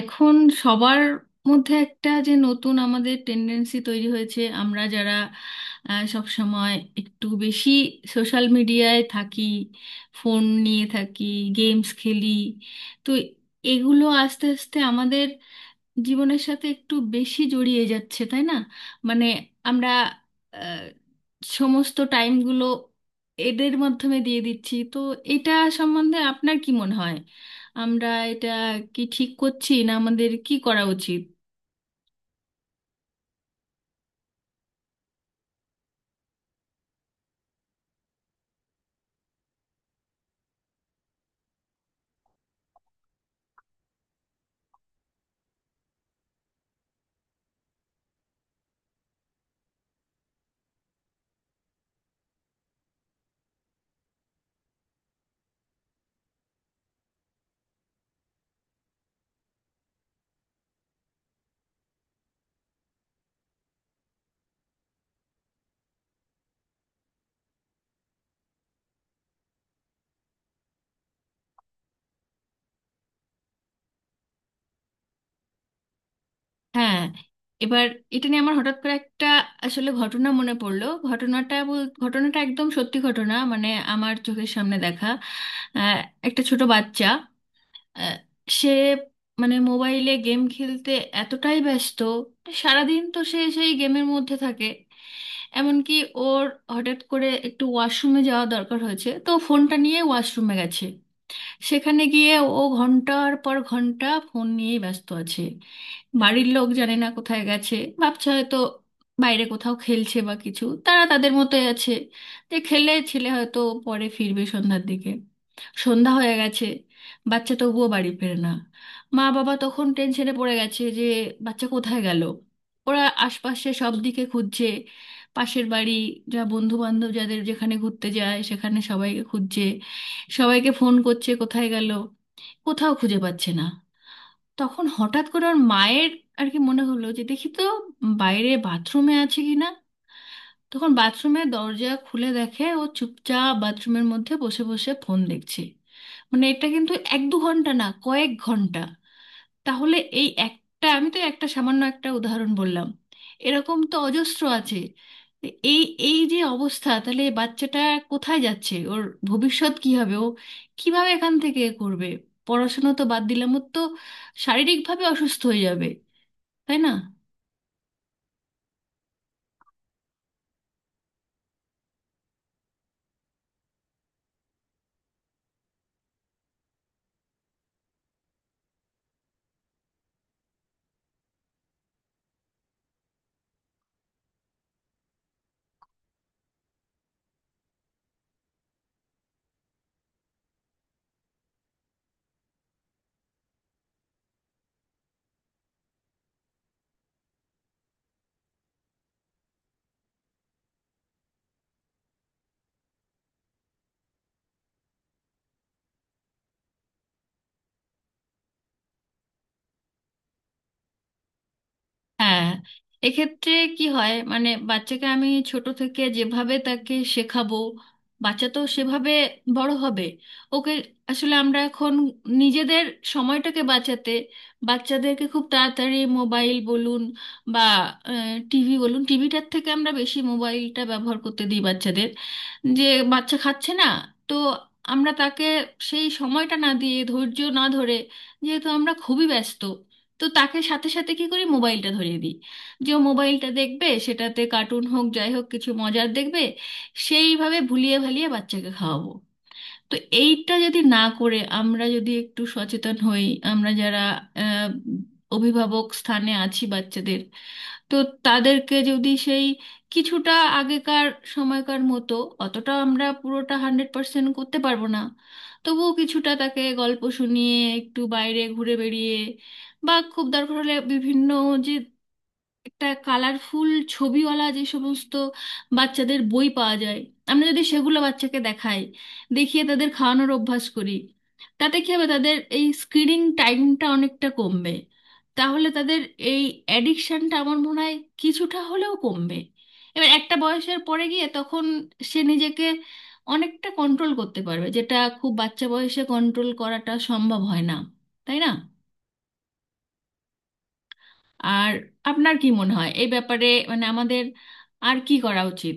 এখন সবার মধ্যে একটা যে নতুন আমাদের টেন্ডেন্সি তৈরি হয়েছে, আমরা যারা সব সময় একটু বেশি সোশ্যাল মিডিয়ায় থাকি, ফোন নিয়ে থাকি, গেমস খেলি, তো এগুলো আস্তে আস্তে আমাদের জীবনের সাথে একটু বেশি জড়িয়ে যাচ্ছে, তাই না? মানে আমরা আহ, সমস্ত টাইমগুলো এদের মাধ্যমে দিয়ে দিচ্ছি। তো এটা সম্বন্ধে আপনার কি মনে হয়? আমরা এটা কি ঠিক করছি, না আমাদের কি করা উচিত? হ্যাঁ, এবার এটা নিয়ে আমার হঠাৎ করে একটা আসলে ঘটনা মনে পড়লো। ঘটনাটা একদম সত্যি ঘটনা, মানে আমার চোখের সামনে দেখা। আহ, একটা ছোট বাচ্চা, আহ, সে মানে মোবাইলে গেম খেলতে এতটাই ব্যস্ত, সারাদিন তো সে সেই গেমের মধ্যে থাকে। এমনকি ওর হঠাৎ করে একটু ওয়াশরুমে যাওয়া দরকার হয়েছে, তো ফোনটা নিয়ে ওয়াশরুমে গেছে। সেখানে গিয়ে ও ঘন্টার পর ঘন্টা ফোন নিয়েই ব্যস্ত আছে। বাড়ির লোক জানে না কোথায় গেছে, ভাবছে হয়তো বাইরে কোথাও খেলছে বা কিছু, তারা তাদের মতোই আছে যে খেলে ছেলে হয়তো পরে ফিরবে সন্ধ্যার দিকে। সন্ধ্যা হয়ে গেছে, বাচ্চা তবুও বাড়ি ফেরে না। মা বাবা তখন টেনশনে পড়ে গেছে যে বাচ্চা কোথায় গেল। ওরা আশপাশে সব দিকে খুঁজছে, পাশের বাড়ি, যা বন্ধু বান্ধব যাদের যেখানে ঘুরতে যায় সেখানে সবাইকে খুঁজছে, সবাইকে ফোন করছে কোথায় গেল, কোথাও খুঁজে পাচ্ছে না। তখন হঠাৎ করে ওর মায়ের আর কি মনে হলো যে দেখি তো বাইরে বাথরুমে আছে কি না। তখন বাথরুমের দরজা খুলে দেখে ও চুপচাপ বাথরুমের মধ্যে বসে বসে ফোন দেখছে। মানে এটা কিন্তু এক দু ঘন্টা না, কয়েক ঘন্টা। তাহলে এই একটা, আমি তো একটা সামান্য একটা উদাহরণ বললাম, এরকম তো অজস্র আছে। এই এই যে অবস্থা, তাহলে এই বাচ্চাটা কোথায় যাচ্ছে, ওর ভবিষ্যৎ কি হবে, ও কিভাবে এখান থেকে এ করবে? পড়াশুনো তো বাদ দিলাম, ওর তো শারীরিকভাবে অসুস্থ হয়ে যাবে, তাই না? হ্যাঁ, এক্ষেত্রে কি হয় মানে বাচ্চাকে আমি ছোট থেকে যেভাবে তাকে শেখাবো, বাচ্চা তো সেভাবে বড় হবে। ওকে আসলে আমরা এখন নিজেদের সময়টাকে বাঁচাতে বাচ্চাদেরকে খুব তাড়াতাড়ি মোবাইল বলুন বা টিভি বলুন, টিভিটার থেকে আমরা বেশি মোবাইলটা ব্যবহার করতে দিই বাচ্চাদের। যে বাচ্চা খাচ্ছে না, তো আমরা তাকে সেই সময়টা না দিয়ে, ধৈর্য না ধরে, যেহেতু আমরা খুবই ব্যস্ত, তো তাকে সাথে সাথে কি করি, মোবাইলটা ধরিয়ে দিই যে ও মোবাইলটা দেখবে, সেটাতে কার্টুন হোক যাই হোক কিছু মজার দেখবে, সেইভাবে ভুলিয়ে ভালিয়ে বাচ্চাকে খাওয়াবো। তো এইটা যদি না করে আমরা যদি একটু সচেতন হই, আমরা যারা আহ, অভিভাবক স্থানে আছি বাচ্চাদের, তো তাদেরকে যদি সেই কিছুটা আগেকার সময়কার মতো, অতটা আমরা পুরোটা 100% করতে পারবো না, তবুও কিছুটা তাকে গল্প শুনিয়ে, একটু বাইরে ঘুরে বেড়িয়ে, বা খুব দরকার হলে বিভিন্ন যে একটা কালারফুল ছবিওয়ালা যে সমস্ত বাচ্চাদের বই পাওয়া যায়, আমরা যদি সেগুলো বাচ্চাকে দেখাই, দেখিয়ে তাদের খাওয়ানোর অভ্যাস করি, তাতে কি হবে, তাদের এই স্ক্রিনিং টাইমটা অনেকটা কমবে। তাহলে তাদের এই অ্যাডিকশনটা আমার মনে হয় কিছুটা হলেও কমবে। এবার একটা বয়সের পরে গিয়ে তখন সে নিজেকে অনেকটা কন্ট্রোল করতে পারবে, যেটা খুব বাচ্চা বয়সে কন্ট্রোল করাটা সম্ভব হয় না, তাই না? আর আপনার কি মনে হয় এই ব্যাপারে, মানে আমাদের আর কি করা উচিত?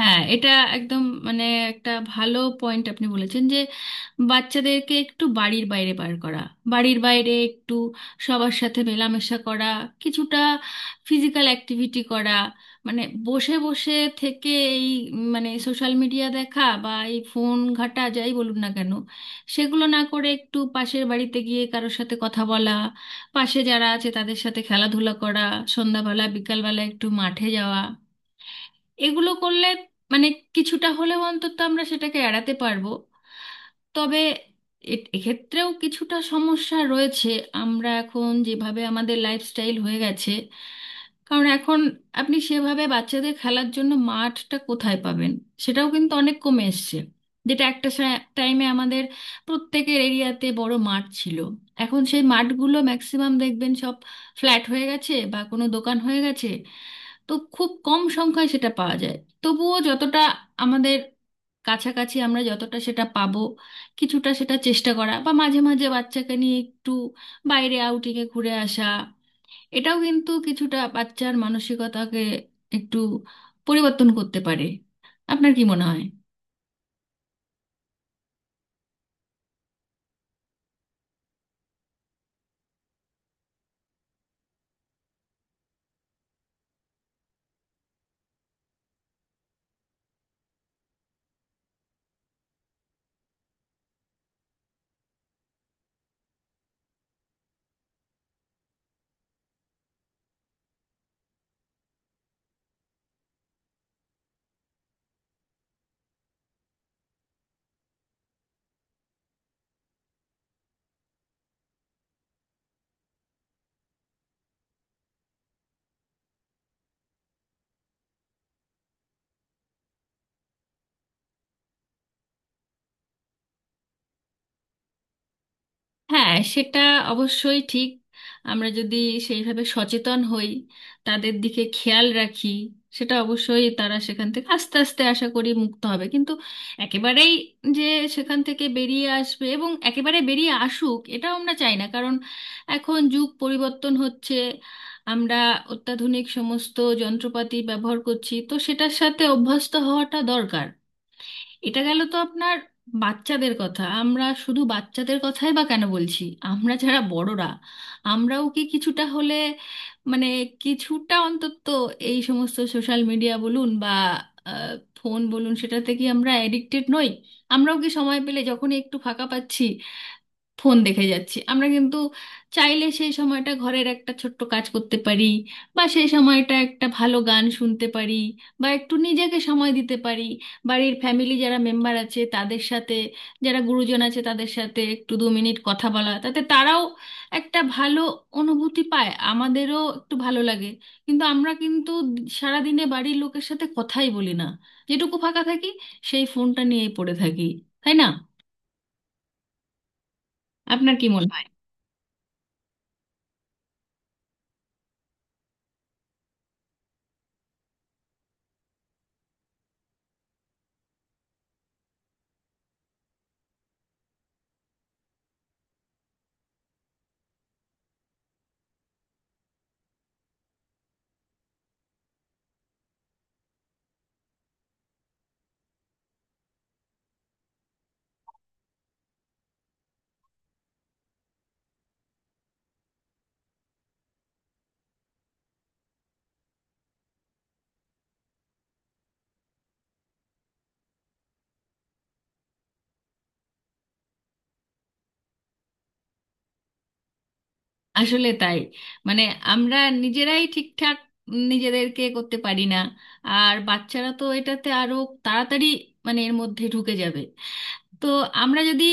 হ্যাঁ, এটা একদম মানে একটা ভালো পয়েন্ট আপনি বলেছেন যে বাচ্চাদেরকে একটু বাড়ির বাইরে বার করা, বাড়ির বাইরে একটু সবার সাথে মেলামেশা করা, কিছুটা ফিজিক্যাল অ্যাক্টিভিটি করা, মানে বসে বসে থেকে এই মানে সোশ্যাল মিডিয়া দেখা বা এই ফোন ঘাটা যাই বলুন না কেন, সেগুলো না করে একটু পাশের বাড়িতে গিয়ে কারোর সাথে কথা বলা, পাশে যারা আছে তাদের সাথে খেলাধুলা করা, সন্ধ্যাবেলা বিকালবেলা একটু মাঠে যাওয়া, এগুলো করলে মানে কিছুটা হলেও অন্তত আমরা সেটাকে এড়াতে পারবো। তবে এক্ষেত্রেও কিছুটা সমস্যা রয়েছে। আমরা এখন যেভাবে আমাদের লাইফস্টাইল হয়ে গেছে, কারণ এখন আপনি সেভাবে বাচ্চাদের খেলার জন্য মাঠটা কোথায় পাবেন, সেটাও কিন্তু অনেক কমে এসছে। যেটা একটা টাইমে আমাদের প্রত্যেকের এরিয়াতে বড় মাঠ ছিল, এখন সেই মাঠগুলো ম্যাক্সিমাম দেখবেন সব ফ্ল্যাট হয়ে গেছে বা কোনো দোকান হয়ে গেছে। তো খুব কম সংখ্যায় সেটা পাওয়া যায়। তবুও যতটা আমাদের কাছাকাছি আমরা যতটা সেটা পাবো, কিছুটা সেটা চেষ্টা করা বা মাঝে মাঝে বাচ্চাকে নিয়ে একটু বাইরে আউটিংয়ে ঘুরে আসা, এটাও কিন্তু কিছুটা বাচ্চার মানসিকতাকে একটু পরিবর্তন করতে পারে। আপনার কি মনে হয়? হ্যাঁ, সেটা অবশ্যই ঠিক। আমরা যদি সেইভাবে সচেতন হই, তাদের দিকে খেয়াল রাখি, সেটা অবশ্যই তারা সেখান থেকে আস্তে আস্তে আশা করি মুক্ত হবে। কিন্তু একেবারেই যে সেখান থেকে বেরিয়ে আসবে এবং একেবারে বেরিয়ে আসুক এটাও আমরা চাই না, কারণ এখন যুগ পরিবর্তন হচ্ছে, আমরা অত্যাধুনিক সমস্ত যন্ত্রপাতি ব্যবহার করছি, তো সেটার সাথে অভ্যস্ত হওয়াটা দরকার। এটা গেল তো আপনার বাচ্চাদের কথা, আমরা শুধু বাচ্চাদের কথাই বা কেন বলছি, আমরা যারা বড়রা আমরাও কি কিছুটা হলে মানে কিছুটা অন্তত এই সমস্ত সোশ্যাল মিডিয়া বলুন বা আহ, ফোন বলুন সেটাতে কি আমরা অ্যাডিক্টেড নই? আমরাও কি সময় পেলে যখনই একটু ফাঁকা পাচ্ছি ফোন দেখে যাচ্ছি। আমরা কিন্তু চাইলে সেই সময়টা ঘরের একটা ছোট্ট কাজ করতে পারি, বা সেই সময়টা একটা ভালো গান শুনতে পারি, বা একটু নিজেকে সময় দিতে পারি, বাড়ির ফ্যামিলি যারা মেম্বার আছে তাদের সাথে, যারা গুরুজন আছে তাদের সাথে একটু 2 মিনিট কথা বলা, তাতে তারাও একটা ভালো অনুভূতি পায়, আমাদেরও একটু ভালো লাগে। কিন্তু আমরা কিন্তু সারাদিনে বাড়ির লোকের সাথে কথাই বলি না, যেটুকু ফাঁকা থাকি সেই ফোনটা নিয়েই পড়ে থাকি, তাই না? আপনার কি মনে হয়? আসলে তাই, মানে আমরা নিজেরাই ঠিকঠাক নিজেদেরকে করতে পারি না, আর বাচ্চারা তো এটাতে আরো তাড়াতাড়ি মানে এর মধ্যে ঢুকে যাবে। তো আমরা যদি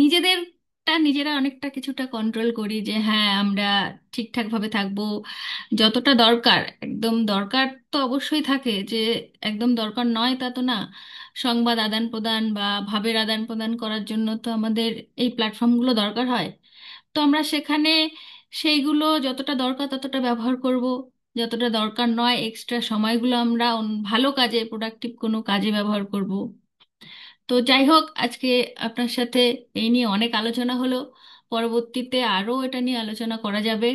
নিজেদেরটা নিজেরা অনেকটা কিছুটা কন্ট্রোল করি যে হ্যাঁ আমরা ঠিকঠাকভাবে থাকবো, যতটা দরকার একদম দরকার তো অবশ্যই থাকে, যে একদম দরকার নয় তা তো না। সংবাদ আদান প্রদান বা ভাবের আদান প্রদান করার জন্য তো আমাদের এই প্ল্যাটফর্মগুলো দরকার হয়। তো আমরা সেখানে সেইগুলো যতটা দরকার ততটা ব্যবহার করব, যতটা দরকার নয় এক্সট্রা সময়গুলো আমরা ভালো কাজে, প্রোডাক্টিভ কোনো কাজে ব্যবহার করব। তো যাই হোক, আজকে আপনার সাথে এই নিয়ে অনেক আলোচনা হলো, পরবর্তীতে আরও এটা নিয়ে আলোচনা করা যাবে।